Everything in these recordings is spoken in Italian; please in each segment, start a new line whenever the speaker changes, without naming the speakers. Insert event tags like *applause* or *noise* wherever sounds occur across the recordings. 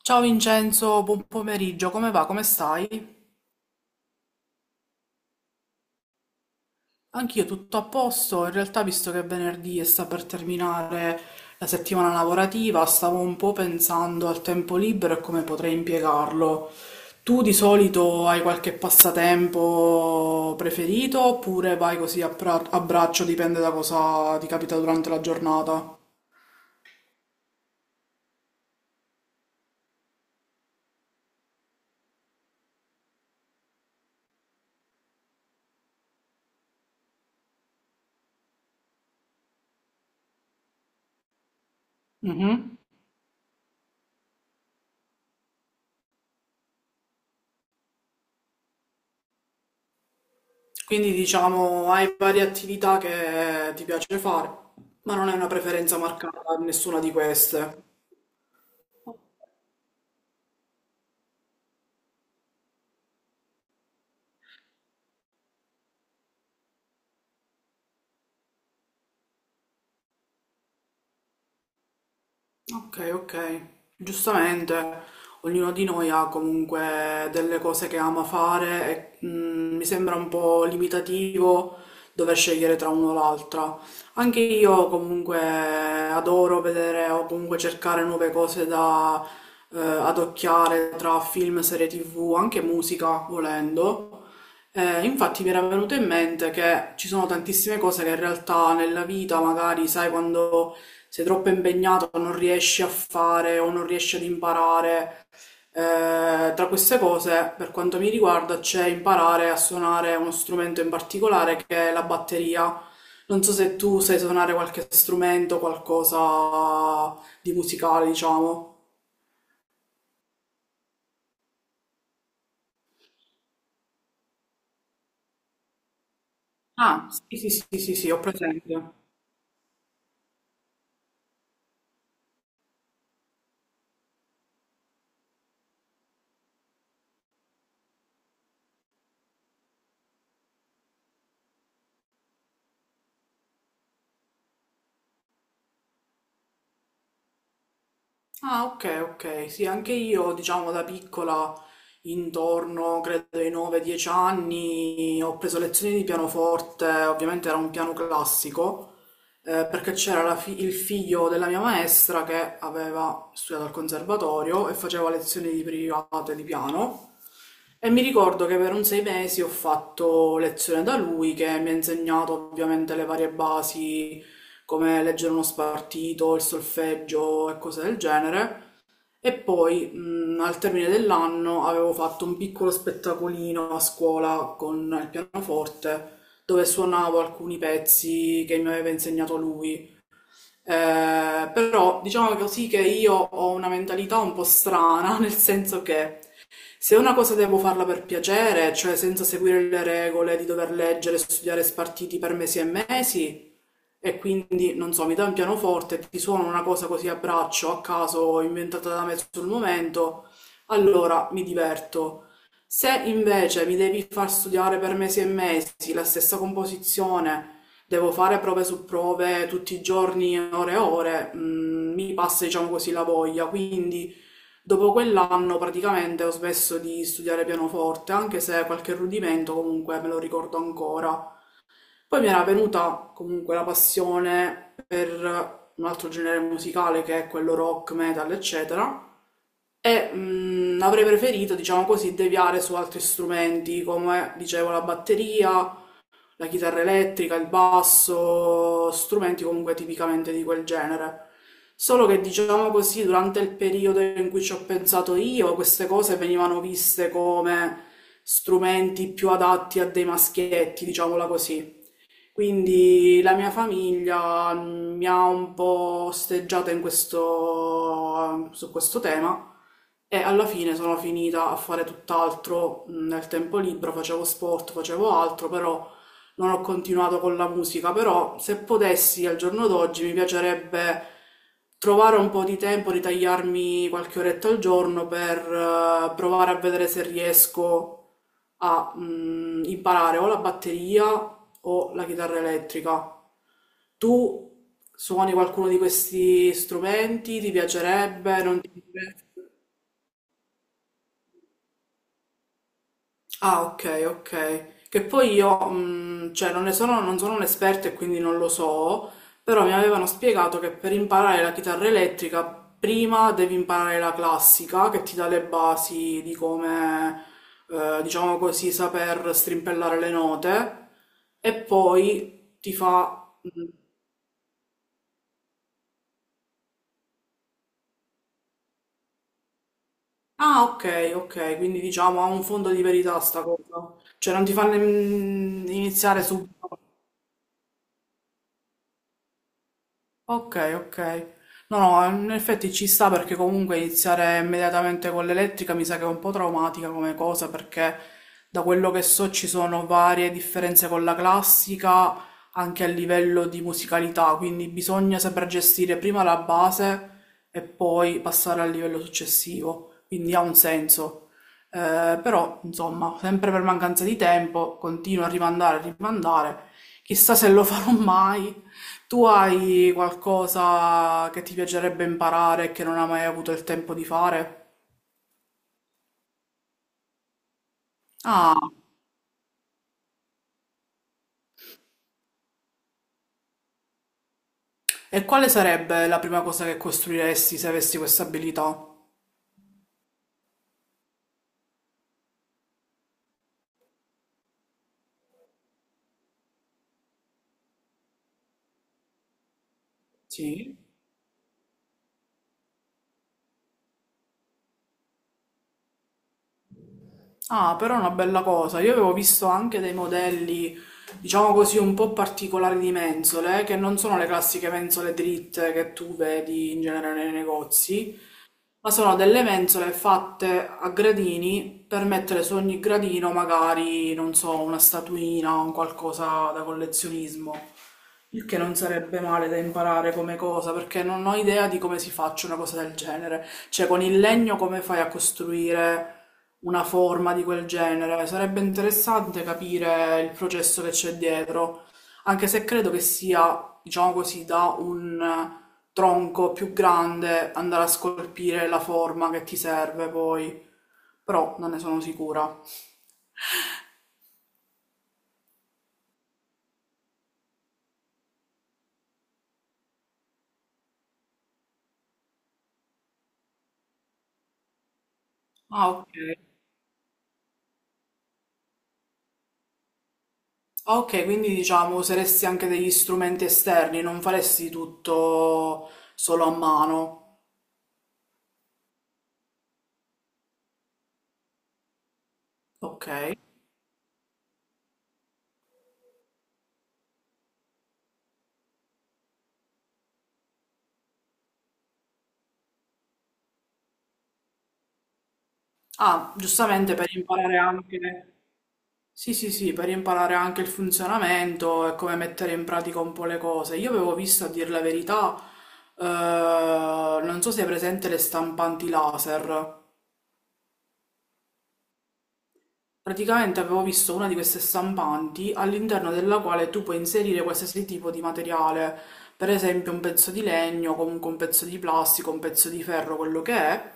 Ciao Vincenzo, buon pomeriggio, come va? Come stai? Anch'io tutto a posto, in realtà visto che è venerdì e sta per terminare la settimana lavorativa, stavo un po' pensando al tempo libero e come potrei impiegarlo. Tu di solito hai qualche passatempo preferito oppure vai così a, a braccio, dipende da cosa ti capita durante la giornata? Quindi diciamo hai varie attività che ti piace fare, ma non hai una preferenza marcata in nessuna di queste. Ok, ok. Giustamente, ognuno di noi ha comunque delle cose che ama fare e mi sembra un po' limitativo dover scegliere tra uno o l'altra. Anche io comunque adoro vedere o comunque cercare nuove cose da adocchiare tra film, serie TV, anche musica, volendo. Infatti mi era venuto in mente che ci sono tantissime cose che in realtà nella vita, magari, sai, quando sei troppo impegnato, non riesci a fare o non riesci ad imparare. Tra queste cose, per quanto mi riguarda, c'è imparare a suonare uno strumento in particolare che è la batteria. Non so se tu sai suonare qualche strumento, qualcosa di musicale, diciamo. Ah, sì, sì, sì, sì, sì, ho presente. Ah, ok, ok. Sì, anche io, diciamo, da piccola, intorno, credo ai 9-10 anni, ho preso lezioni di pianoforte, ovviamente era un piano classico, perché c'era la il figlio della mia maestra che aveva studiato al conservatorio e faceva lezioni di private di piano. E mi ricordo che per un 6 mesi ho fatto lezione da lui, che mi ha insegnato ovviamente le varie basi, come leggere uno spartito, il solfeggio e cose del genere. E poi, al termine dell'anno, avevo fatto un piccolo spettacolino a scuola con il pianoforte, dove suonavo alcuni pezzi che mi aveva insegnato lui. Però diciamo così che io ho una mentalità un po' strana, *laughs* nel senso che se una cosa devo farla per piacere, cioè senza seguire le regole di dover leggere, e studiare spartiti per mesi e mesi, e quindi, non so, mi dai un pianoforte, e ti suono una cosa così a braccio, a caso, inventata da me sul momento, allora mi diverto. Se invece mi devi far studiare per mesi e mesi la stessa composizione, devo fare prove su prove tutti i giorni, ore e ore, mi passa, diciamo così, la voglia. Quindi, dopo quell'anno praticamente ho smesso di studiare pianoforte, anche se qualche rudimento comunque me lo ricordo ancora. Poi mi era venuta comunque la passione per un altro genere musicale che è quello rock, metal, eccetera, e avrei preferito, diciamo così, deviare su altri strumenti come, dicevo, la batteria, la chitarra elettrica, il basso, strumenti comunque tipicamente di quel genere. Solo che, diciamo così, durante il periodo in cui ci ho pensato io, queste cose venivano viste come strumenti più adatti a dei maschietti, diciamola così. Quindi la mia famiglia mi ha un po' osteggiata in questo, su questo tema e alla fine sono finita a fare tutt'altro nel tempo libero, facevo sport, facevo altro, però non ho continuato con la musica, però se potessi al giorno d'oggi mi piacerebbe trovare un po' di tempo, ritagliarmi qualche oretta al giorno per provare a vedere se riesco a imparare o la batteria o la chitarra elettrica. Tu suoni qualcuno di questi strumenti? Ti piacerebbe? Non ti piacerebbe? Ah, ok, ok. Che poi io, cioè, non sono un'esperta e quindi non lo so, però mi avevano spiegato che per imparare la chitarra elettrica prima devi imparare la classica, che ti dà le basi di come, diciamo così, saper strimpellare le note, e poi ti fa. Ah, ok, ok, quindi diciamo ha un fondo di verità sta cosa. Cioè, non ti fa iniziare subito. Ok, ok. No, no, in effetti ci sta perché comunque iniziare immediatamente con l'elettrica mi sa che è un po' traumatica come cosa perché da quello che so ci sono varie differenze con la classica anche a livello di musicalità, quindi bisogna saper gestire prima la base e poi passare al livello successivo, quindi ha un senso. Però, insomma, sempre per mancanza di tempo continuo a rimandare, a rimandare. Chissà se lo farò mai tu hai qualcosa che ti piacerebbe imparare e che non hai mai avuto il tempo di fare? Ah, e quale sarebbe la prima cosa che costruiresti se avessi questa abilità? Sì. Ah, però è una bella cosa. Io avevo visto anche dei modelli, diciamo così, un po' particolari di mensole, che non sono le classiche mensole dritte che tu vedi in genere nei negozi, ma sono delle mensole fatte a gradini per mettere su ogni gradino magari, non so, una statuina o un qualcosa da collezionismo. Il che non sarebbe male da imparare come cosa, perché non ho idea di come si faccia una cosa del genere. Cioè, con il legno come fai a costruire una forma di quel genere? Sarebbe interessante capire il processo che c'è dietro, anche se credo che sia, diciamo così, da un tronco più grande andare a scolpire la forma che ti serve poi, però non ne sono sicura. Ah, ok. Ah, ok, quindi diciamo useresti anche degli strumenti esterni, non faresti tutto solo a mano. Ok. Ah, giustamente per imparare anche... Sì, sì, sì, per imparare anche il funzionamento e come mettere in pratica un po' le cose. Io avevo visto, a dir la verità, eh, non so se è presente le stampanti laser. Praticamente avevo visto una di queste stampanti all'interno della quale tu puoi inserire qualsiasi tipo di materiale, per esempio un pezzo di legno, comunque un pezzo di plastica, un pezzo di ferro, quello che è,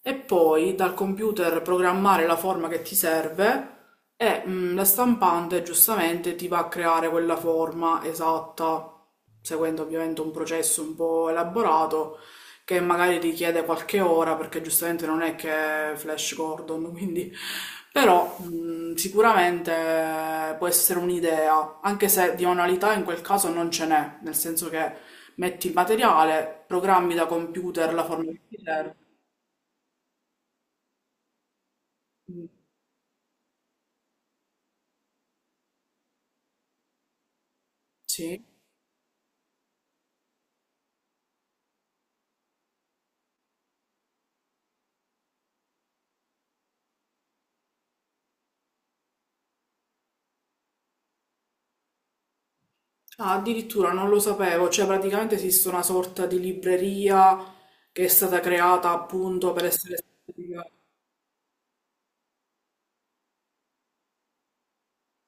e poi dal computer programmare la forma che ti serve e la stampante giustamente ti va a creare quella forma esatta, seguendo ovviamente un processo un po' elaborato che magari richiede qualche ora perché giustamente non è che è Flash Gordon, *laughs* quindi però sicuramente può essere un'idea, anche se di manualità in quel caso non ce n'è, nel senso che metti il materiale, programmi da computer la forma che ti serve. Mm, Sì. Ah, addirittura non lo sapevo, cioè praticamente esiste una sorta di libreria che è stata creata appunto per essere...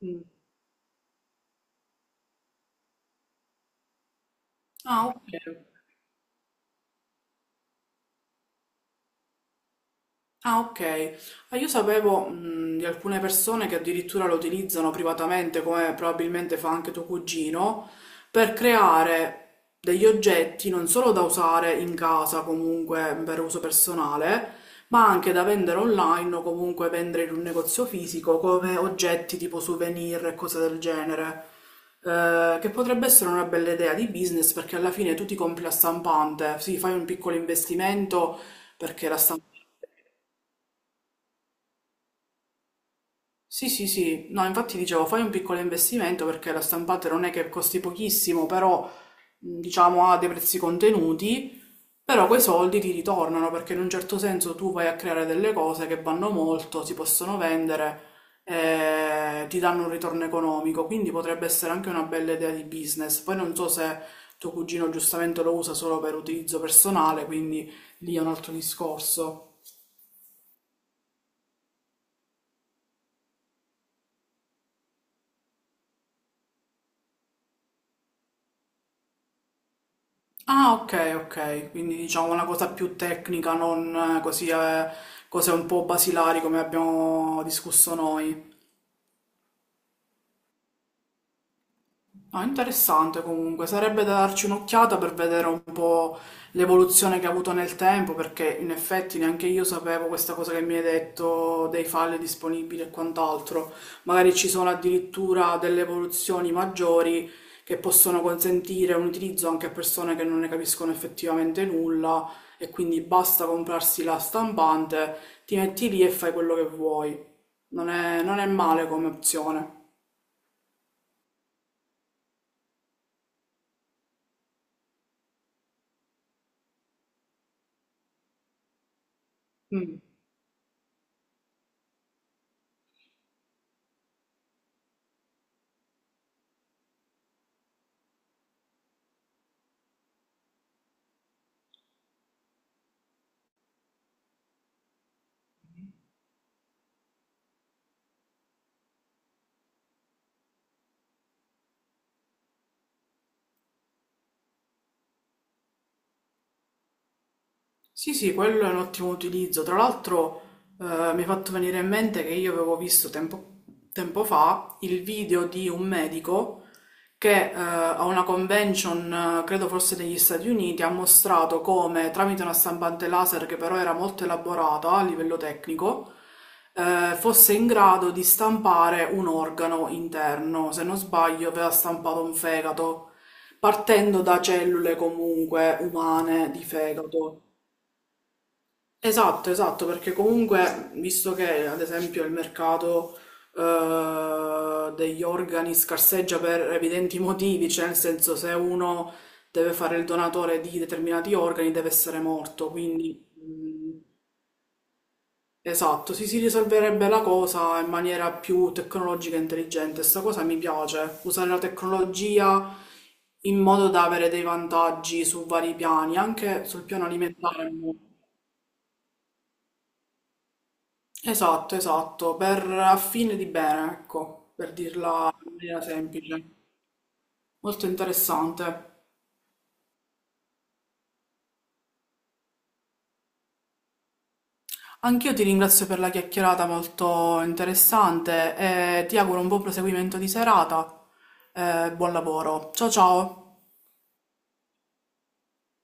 Mm. Ah, ok. Ok. Ah, ok. Ah, io sapevo, di alcune persone che addirittura lo utilizzano privatamente, come probabilmente fa anche tuo cugino, per creare degli oggetti non solo da usare in casa, comunque per uso personale, ma anche da vendere online o comunque vendere in un negozio fisico come oggetti tipo souvenir e cose del genere. Che potrebbe essere una bella idea di business perché alla fine tu ti compri la stampante, sì, fai un piccolo investimento perché la Sì, sì, sì, no, infatti dicevo, fai un piccolo investimento perché la stampante non è che costi pochissimo, però diciamo ha dei prezzi contenuti, però quei soldi ti ritornano perché in un certo senso tu vai a creare delle cose che vanno molto, si possono vendere, ti danno un ritorno economico, quindi potrebbe essere anche una bella idea di business. Poi non so se tuo cugino giustamente lo usa solo per utilizzo personale, quindi lì è un altro discorso. Ah, ok, ok, quindi diciamo una cosa più tecnica, non così cose un po' basilari come abbiamo discusso noi. No, interessante comunque, sarebbe da darci un'occhiata per vedere un po' l'evoluzione che ha avuto nel tempo, perché in effetti neanche io sapevo questa cosa che mi hai detto dei file disponibili e quant'altro. Magari ci sono addirittura delle evoluzioni maggiori che possono consentire un utilizzo anche a persone che non ne capiscono effettivamente nulla e quindi basta comprarsi la stampante, ti metti lì e fai quello che vuoi. Non è male come opzione. Mm. Sì, sì, quello è un ottimo utilizzo. Tra l'altro, mi è fatto venire in mente che io avevo visto tempo fa il video di un medico che a una convention, credo forse negli Stati Uniti, ha mostrato come tramite una stampante laser che però era molto elaborata a livello tecnico, fosse in grado di stampare un organo interno. Se non sbaglio, aveva stampato un fegato, partendo da cellule comunque umane di fegato. Esatto, esatto, perché comunque, visto che ad esempio il mercato degli organi scarseggia per evidenti motivi, cioè nel senso se uno deve fare il donatore di determinati organi deve essere morto, quindi esatto, si risolverebbe la cosa in maniera più tecnologica e intelligente. Sta cosa mi piace, usare la tecnologia in modo da avere dei vantaggi su vari piani, anche sul piano alimentare. Esatto, esatto, per a fine di bene, ecco, per dirla in maniera semplice. Molto interessante. Anch'io ti ringrazio per la chiacchierata molto interessante e ti auguro un buon proseguimento di serata. Buon lavoro. Ciao ciao.